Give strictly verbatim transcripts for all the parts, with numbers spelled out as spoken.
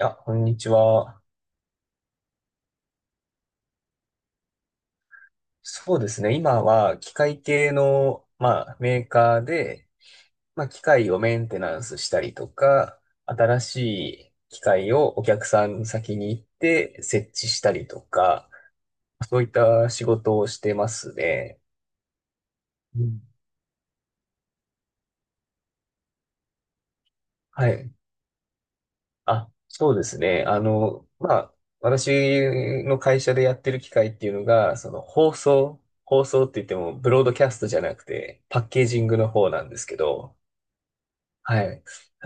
いや、こんにちは。そうですね。今は機械系の、まあ、メーカーで、まあ、機械をメンテナンスしたりとか、新しい機械をお客さん先に行って設置したりとか、そういった仕事をしてますね。うん、はい。あ、そうですね。あの、まあ、私の会社でやってる機械っていうのが、その放送、放送って言ってもブロードキャストじゃなくて、パッケージングの方なんですけど、はい。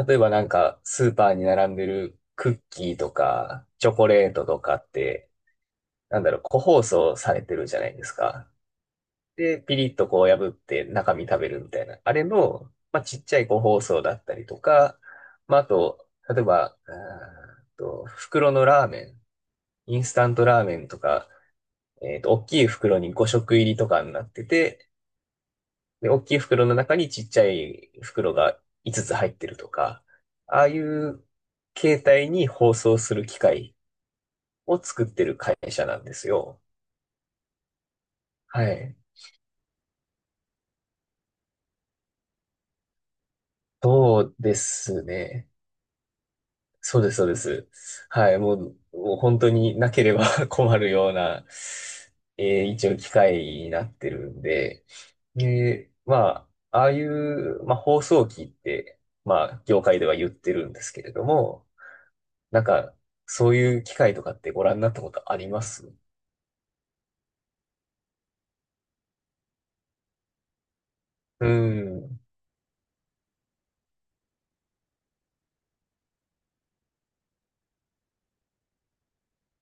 例えばなんか、スーパーに並んでるクッキーとか、チョコレートとかって、なんだろう、個包装されてるじゃないですか。で、ピリッとこう破って中身食べるみたいな。あれの、まあ、ちっちゃい個包装だったりとか、まあ、あと、例えば、うーんと、袋のラーメン、インスタントラーメンとか、えっと、大きい袋にご食入りとかになってて、で、大きい袋の中にちっちゃい袋がいつつつ入ってるとか、ああいう携帯に包装する機械を作ってる会社なんですよ。はい。そうですね。そうです、そうです。はい。もう、もう本当になければ 困るような、えー一応機械になってるんで、で、まあ、ああいう、まあ、包装機って、まあ、業界では言ってるんですけれども、なんか、そういう機会とかってご覧になったことあります？うん。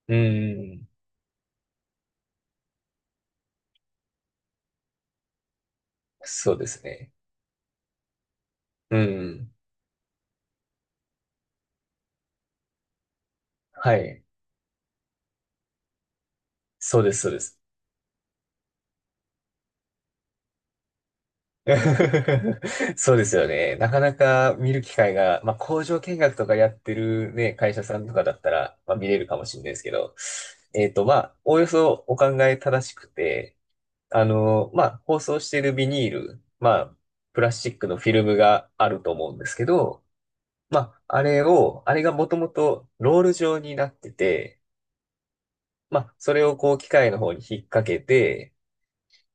うん。そうですね。うん。はい。そうです、そうです。そうですよね。なかなか見る機会が、まあ、工場見学とかやってるね、会社さんとかだったら、まあ、見れるかもしれないですけど、えっと、まあ、おおよそお考え正しくて、あの、まあ、包装しているビニール、まあ、プラスチックのフィルムがあると思うんですけど、まあ、あれを、あれがもともとロール状になってて、まあ、それをこう機械の方に引っ掛けて、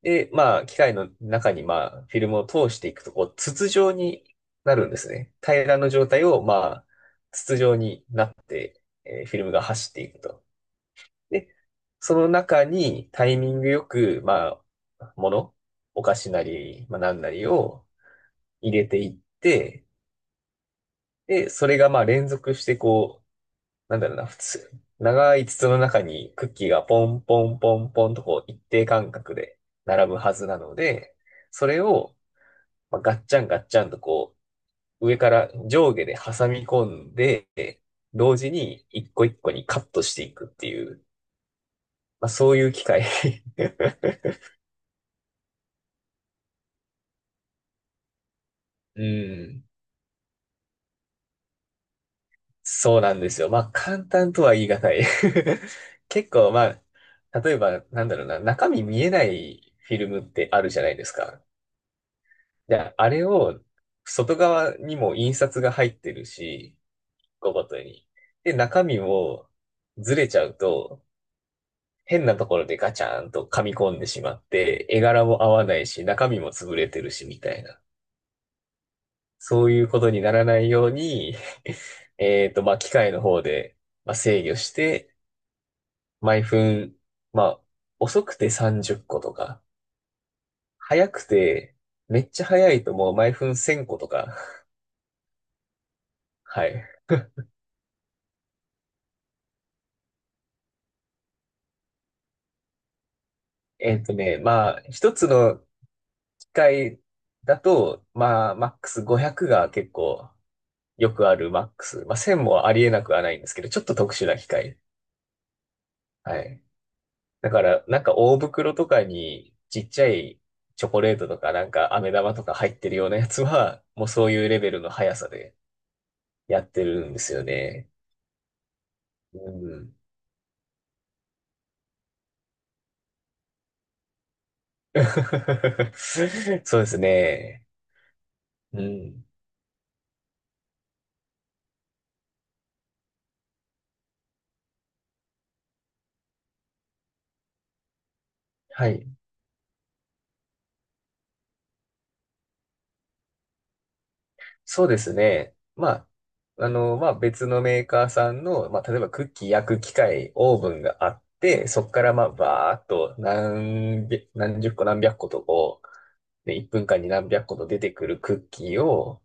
で、まあ、機械の中にまあ、フィルムを通していくと、こう、筒状になるんですね。平らの状態をまあ、筒状になって、えーフィルムが走っていくと。で、その中にタイミングよく、まあ、もの、お菓子なり、まあ、なんなりを入れていって、で、それがまあ連続してこう、なんだろうな、普通、長い筒の中にクッキーがポンポンポンポンとこう一定間隔で並ぶはずなので、それをまあガッチャンガッチャンとこう上から上下で挟み込んで、同時に一個一個にカットしていくっていう、まあそういう機械。うん。そうなんですよ。まあ簡単とは言い難い。結構まあ、例えばなんだろうな、中身見えないフィルムってあるじゃないですか。で、あれを外側にも印刷が入ってるし、ごごとに。で、中身もずれちゃうと、変なところでガチャーンと噛み込んでしまって、絵柄も合わないし、中身も潰れてるし、みたいな。そういうことにならないように、えっと、まあ、機械の方で、まあ、制御して、毎分、まあ、遅くてさんじゅっことか、早くて、めっちゃ早いともう毎分せんことか、はい。えっとね、まあ、一つの機械だと、まあ、マックスごひゃくが結構よくあるマックス。まあ、せんもありえなくはないんですけど、ちょっと特殊な機械。はい。だから、なんか大袋とかにちっちゃいチョコレートとか、なんか飴玉とか入ってるようなやつは、もうそういうレベルの速さでやってるんですよね。うん。そうですね。うん。はい。そうですね。まあ、あの、まあ別のメーカーさんの、まあ例えばクッキー焼く機械、オーブンがあって、そこからまあバーっと何百、何十個何百個とこう、で、いっぷんかんに何百個と出てくるクッキーを、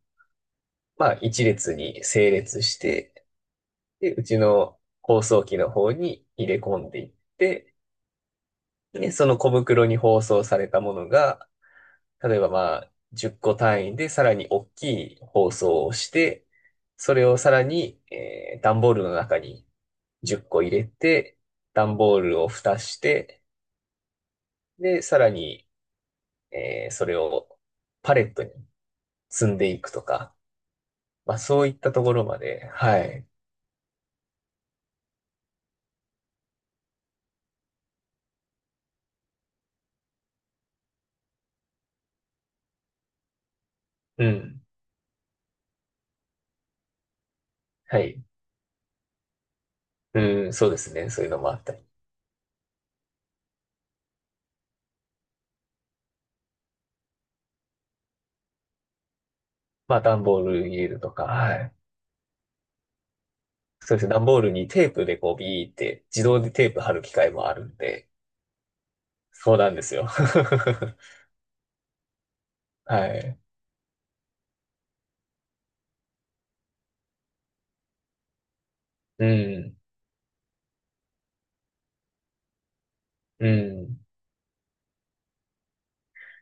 まあ一列に整列して、で、うちの包装機の方に入れ込んでいって、で、その小袋に包装されたものが、例えばまあ、じゅっこ単位でさらに大きい包装をして、それをさらに、えー段ボールの中にじゅっこ入れて、段ボールを蓋して、で、さらに、えーそれをパレットに積んでいくとか、まあそういったところまで、はい。うん。はい。うん、そうですね。そういうのもあったり。まあ段ボール入れるとか、はい。そうですね。段ボールにテープでこうビーって自動でテープ貼る機械もあるんで、そうなんですよ。はい。うん。うん。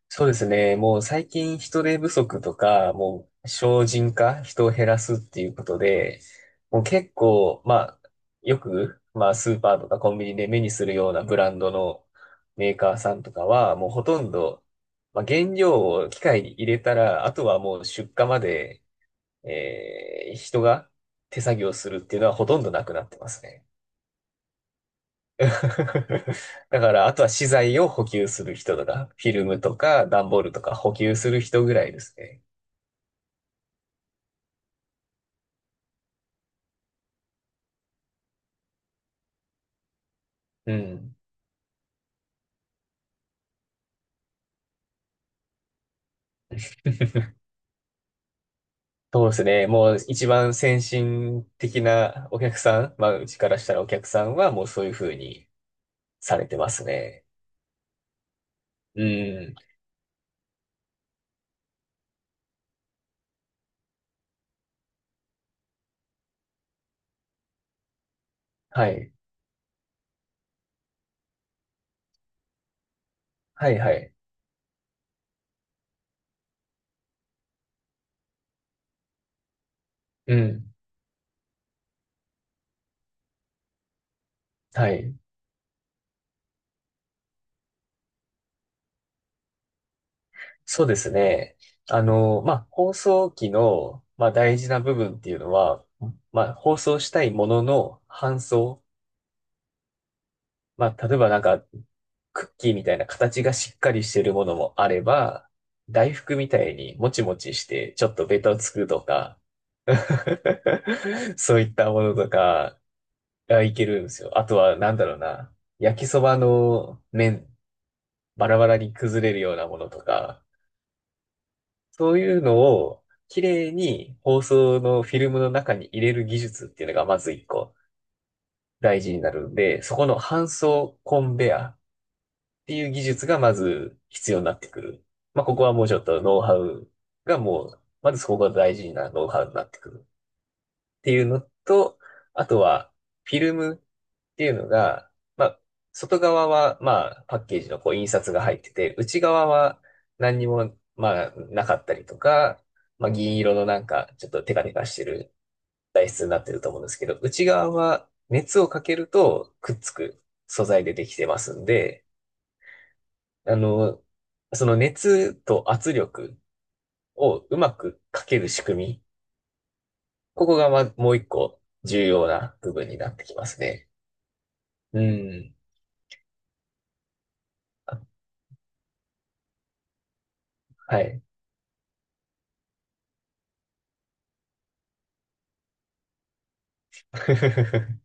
そうですね。もう最近人手不足とか、もう省人化、人を減らすっていうことで、もう結構、まあ、よく、まあ、スーパーとかコンビニで目にするようなブランドのメーカーさんとかは、もうほとんど、まあ、原料を機械に入れたら、あとはもう出荷まで、えー人が手作業するっていうのはほとんどなくなってますね。だから、あとは資材を補給する人とか、フィルムとか、段ボールとか補給する人ぐらいですね。うん。そうですね。もう一番先進的なお客さん、まあ、うちからしたらお客さんはもうそういうふうにされてますね。うん。はい。はいはい。うん。はい。そうですね。あの、まあ、放送機の、まあ、大事な部分っていうのは、まあ、放送したいものの搬送。まあ、例えばなんか、クッキーみたいな形がしっかりしてるものもあれば、大福みたいにもちもちしてちょっとベタをつくとか、そういったものとかがいけるんですよ。あとはなんだろうな、焼きそばの麺、バラバラに崩れるようなものとか、そういうのを綺麗に包装のフィルムの中に入れる技術っていうのがまず一個大事になるんで、そこの搬送コンベア。っていう技術がまず必要になってくる。まあ、ここはもうちょっとノウハウがもう、まずそこが大事なノウハウになってくるっていうのと、あとはフィルムっていうのが、まあ、外側はまあパッケージのこう印刷が入ってて、内側は何にもまあなかったりとか、まあ銀色のなんかちょっとテカテカしてる材質になってると思うんですけど、内側は熱をかけるとくっつく素材でできてますんで、あの、その熱と圧力をうまくかける仕組み。ここがま、もう一個重要な部分になってきますね。うん。はい。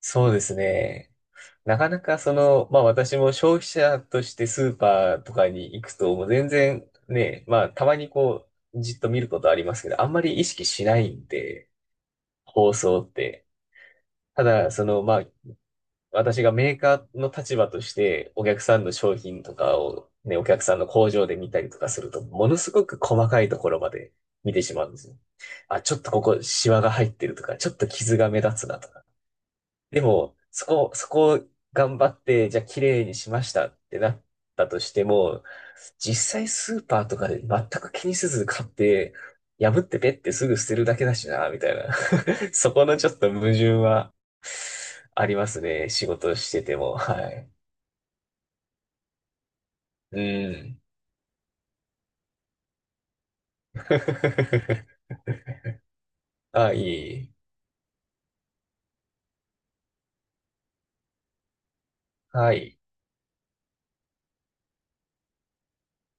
そうですね。なかなかその、まあ私も消費者としてスーパーとかに行くと、もう全然ね、まあたまにこう、じっと見ることありますけど、あんまり意識しないんで、包装って。ただ、その、まあ私がメーカーの立場としてお客さんの商品とかをね、お客さんの工場で見たりとかすると、ものすごく細かいところまで見てしまうんですよ。あ、ちょっとここシワが入ってるとか、ちょっと傷が目立つなとか。でも、そこ、そこを頑張って、じゃあ綺麗にしましたってなったとしても、実際スーパーとかで全く気にせず買って、破ってペッてすぐ捨てるだけだしな、みたいな。そこのちょっと矛盾はありますね。仕事してても。はい。うん。あ、いい。はい。